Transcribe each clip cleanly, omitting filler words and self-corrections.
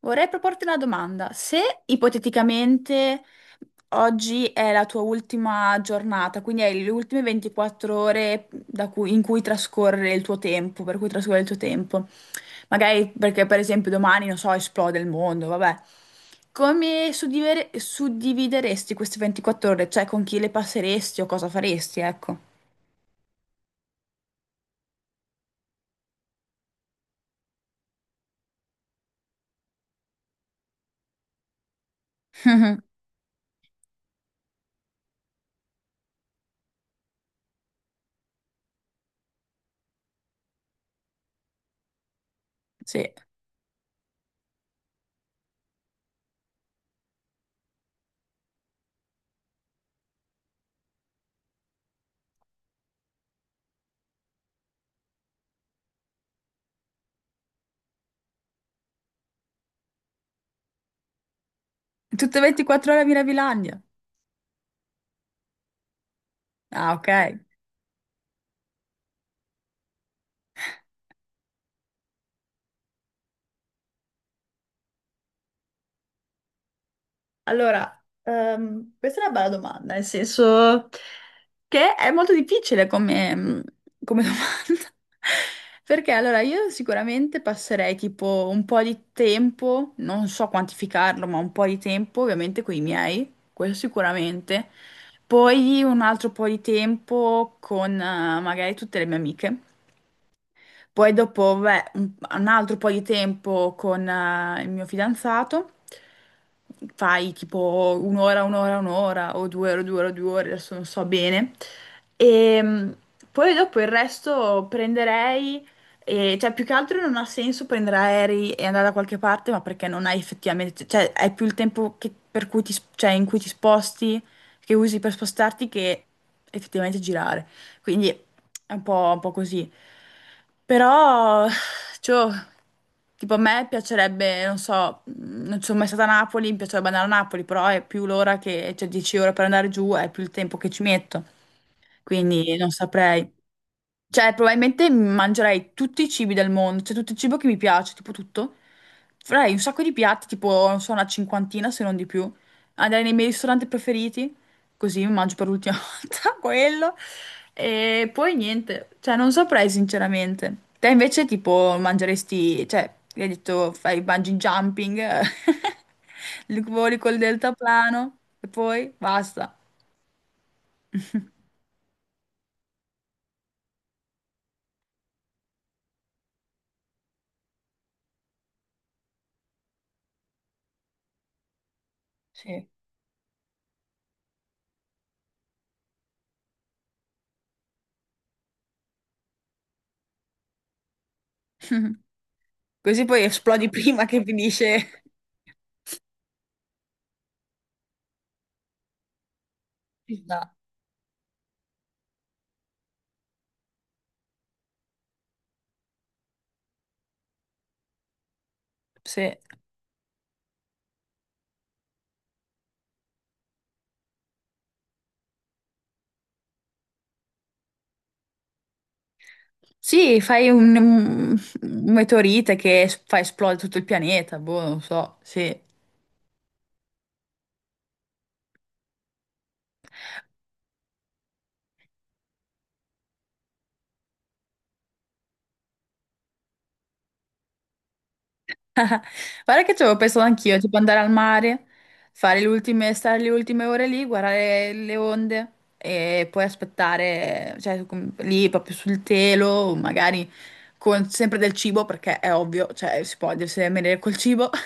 Vorrei proporti una domanda. Se ipoteticamente oggi è la tua ultima giornata, quindi hai le ultime 24 ore in cui trascorre il tuo tempo, per cui trascorre il tuo tempo, magari perché per esempio domani, non so, esplode il mondo, vabbè. Come suddivideresti queste 24 ore? Cioè con chi le passeresti o cosa faresti, ecco. Sì. Tutte 24 ore a Mirabilandia. Ah, ok. Allora, questa è una bella domanda, nel senso che è molto difficile come, come domanda. Perché allora io sicuramente passerei tipo un po' di tempo, non so quantificarlo, ma un po' di tempo ovviamente con i miei, quello sicuramente. Poi un altro po' di tempo con magari tutte le mie amiche. Poi dopo, beh, un altro po' di tempo con il mio fidanzato, fai tipo un'ora, un'ora, un'ora, o due ore, due ore, due ore, adesso non so bene. E poi dopo il resto prenderei, cioè più che altro non ha senso prendere aerei e andare da qualche parte, ma perché non hai effettivamente, cioè hai più il tempo per cui ti, cioè, in cui ti sposti, che usi per spostarti, che effettivamente girare. Quindi è un po' così. Però, cioè, tipo a me piacerebbe, non so, non sono mai stata a Napoli, mi piacerebbe andare a Napoli, però è più l'ora che, cioè 10 ore per andare giù, è più il tempo che ci metto. Quindi non saprei. Cioè, probabilmente mangerei tutti i cibi del mondo, cioè tutto il cibo che mi piace, tipo tutto. Farei un sacco di piatti, tipo, non so, una cinquantina se non di più. Andrei nei miei ristoranti preferiti, così mi mangio per l'ultima volta quello. E poi niente, cioè non saprei sinceramente. Te invece tipo mangeresti, cioè, hai detto fai bungee jumping, voli col deltaplano e poi basta. Sì. Così poi esplodi prima che finisce. Ci sta. Sì. Sì, fai un meteorite che fa esplodere tutto il pianeta, boh, non so, sì. Guarda che ci avevo pensato anch'io, tipo andare al mare, fare le ultime, stare le ultime ore lì, guardare le onde e poi aspettare, cioè lì proprio sul telo, magari con sempre del cibo, perché è ovvio, cioè si può deve venire col cibo.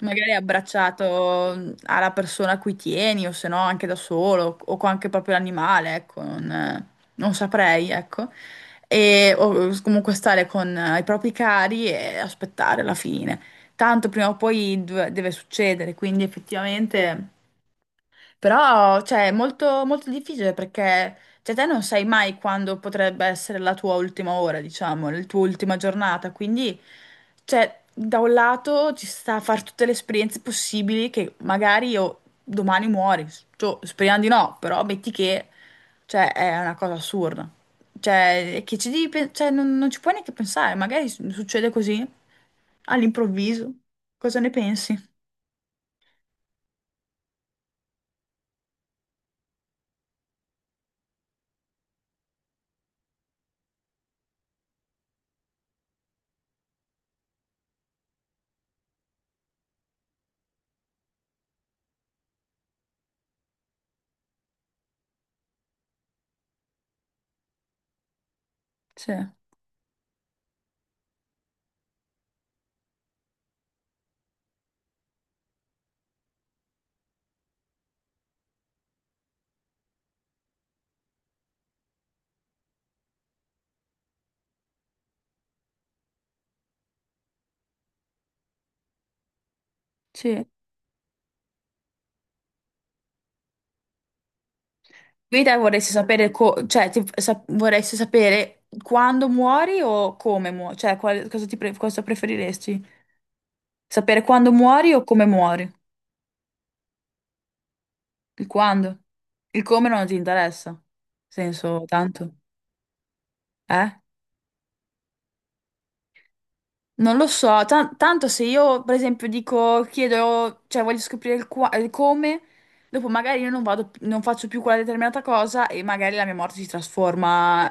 Magari abbracciato alla persona a cui tieni, o se no anche da solo, o con anche proprio l'animale, ecco, non, non saprei, ecco e o comunque stare con i propri cari e aspettare la fine. Tanto prima o poi deve succedere, quindi effettivamente. Però, cioè, è molto, molto difficile perché, cioè, te non sai mai quando potrebbe essere la tua ultima ora, diciamo, la tua ultima giornata. Quindi, cioè, da un lato ci sta a fare tutte le esperienze possibili che magari io domani muori. Cioè, speriamo di no, però metti che, cioè, è una cosa assurda. Cioè, che ci devi, cioè, non, non ci puoi neanche pensare. Magari succede così, all'improvviso. Cosa ne pensi? Sì, sì. Vita vorresti sapere, cioè, vorresti sapere quando muori o come muori? Cioè, cosa preferiresti? Sapere quando muori o come muori? Il quando? Il come non ti interessa? Senso, tanto? Eh? Non lo so, tanto se io per esempio dico, chiedo, cioè voglio scoprire il, il come, dopo magari io non vado, non faccio più quella determinata cosa e magari la mia morte si trasforma,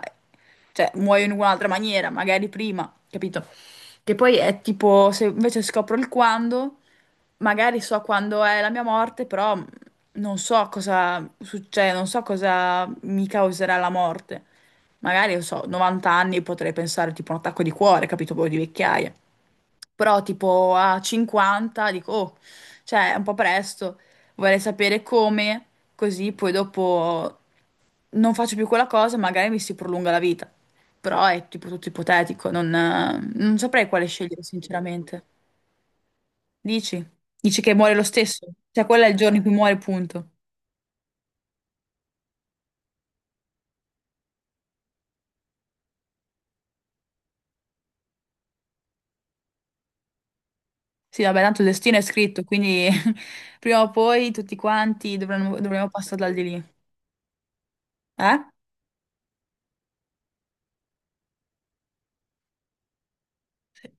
cioè muoio in un'altra maniera, magari prima, capito? Che poi è tipo, se invece scopro il quando, magari so quando è la mia morte, però non so cosa succede, non so cosa mi causerà la morte. Magari, non so, 90 anni potrei pensare tipo un attacco di cuore, capito? Poi di vecchiaia. Però tipo a 50 dico, oh, cioè è un po' presto, vorrei sapere come, così poi dopo non faccio più quella cosa, magari mi si prolunga la vita. Però è tipo tutto ipotetico, non, non saprei quale scegliere sinceramente. Dici? Dici che muore lo stesso? Cioè quello è il giorno in cui muore, punto. Sì, vabbè, tanto il destino è scritto, quindi prima o poi tutti quanti dovremmo passare dal di lì. Eh? Sì,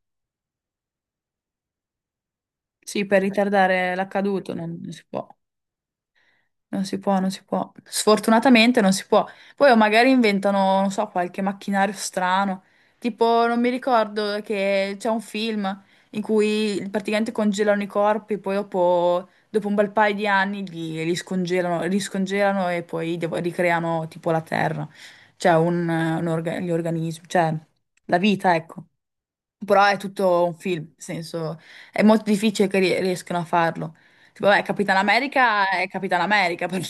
sì, per ritardare l'accaduto non si può. Non si può, non si può. Sfortunatamente non si può. Poi o magari inventano, non so, qualche macchinario strano. Tipo, non mi ricordo che c'è un film in cui praticamente congelano i corpi, poi dopo, dopo un bel paio di anni li scongelano e poi ricreano tipo la terra. Cioè, gli organismi, cioè la vita, ecco. Però è tutto un film, nel senso, è molto difficile che riescano a farlo. Tipo, vabbè, Capitan America è Capitan America, però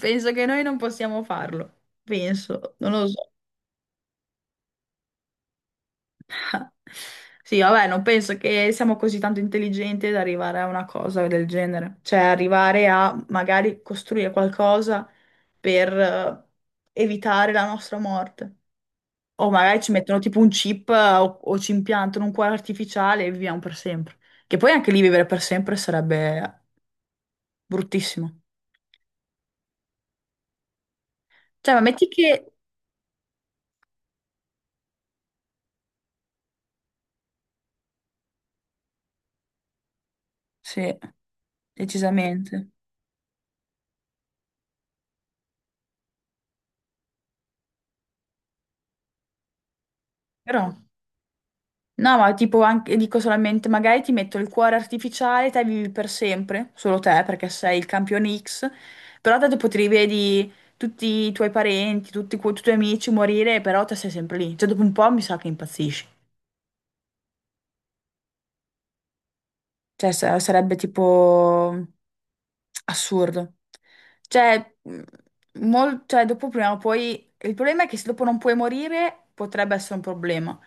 penso che noi non possiamo farlo. Penso, non lo so. Sì, vabbè, non penso che siamo così tanto intelligenti da arrivare a una cosa del genere. Cioè, arrivare a magari costruire qualcosa per evitare la nostra morte. O magari ci mettono tipo un chip o ci impiantano un cuore artificiale e viviamo per sempre. Che poi anche lì vivere per sempre sarebbe bruttissimo. Cioè, ma metti che... Sì, decisamente. Però... No, ma tipo anche, dico solamente, magari ti metto il cuore artificiale, te vivi per sempre, solo te perché sei il campione X, però te dopo ti rivedi tutti i tuoi parenti, tutti, i tuoi amici morire, però te sei sempre lì. Cioè, dopo un po' mi sa che impazzisci. Cioè, sarebbe tipo assurdo. Cioè, cioè, dopo prima o poi... Il problema è che se dopo non puoi morire, potrebbe essere un problema.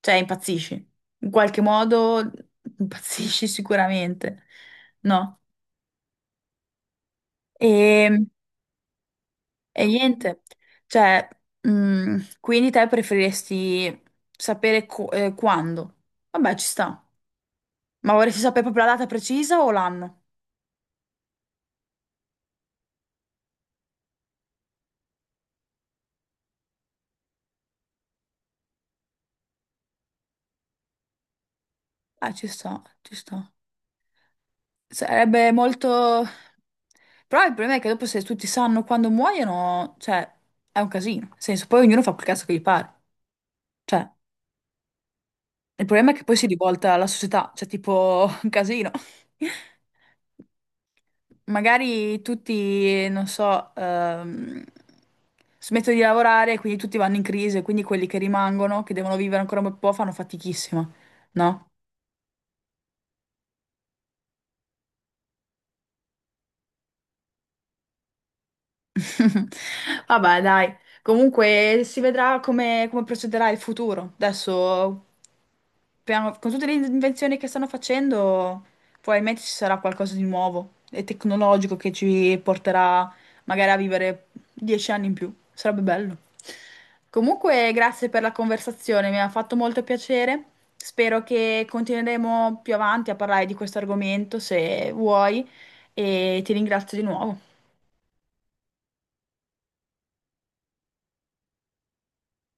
Cioè, impazzisci. In qualche modo impazzisci sicuramente. No? E, e niente. Cioè, quindi te preferiresti sapere quando? Vabbè, ci sta. Ma vorresti sapere proprio la data precisa o l'anno? Ah, ci sta, ci sta. Sarebbe molto... Però il problema è che dopo se tutti sanno quando muoiono, cioè, è un casino. Nel senso, poi ognuno fa quel cazzo che gli pare. Cioè, il problema è che poi si rivolta alla società, cioè, tipo, un casino. Magari tutti, non so, smettono di lavorare, e quindi tutti vanno in crisi, e quindi quelli che rimangono, che devono vivere ancora un bel po', fanno fatichissima, no? Vabbè, dai, comunque si vedrà come, come procederà il futuro. Adesso, con tutte le invenzioni che stanno facendo, probabilmente ci sarà qualcosa di nuovo e tecnologico che ci porterà magari a vivere 10 anni in più. Sarebbe bello. Comunque, grazie per la conversazione, mi ha fatto molto piacere. Spero che continueremo più avanti a parlare di questo argomento, se vuoi, e ti ringrazio di nuovo.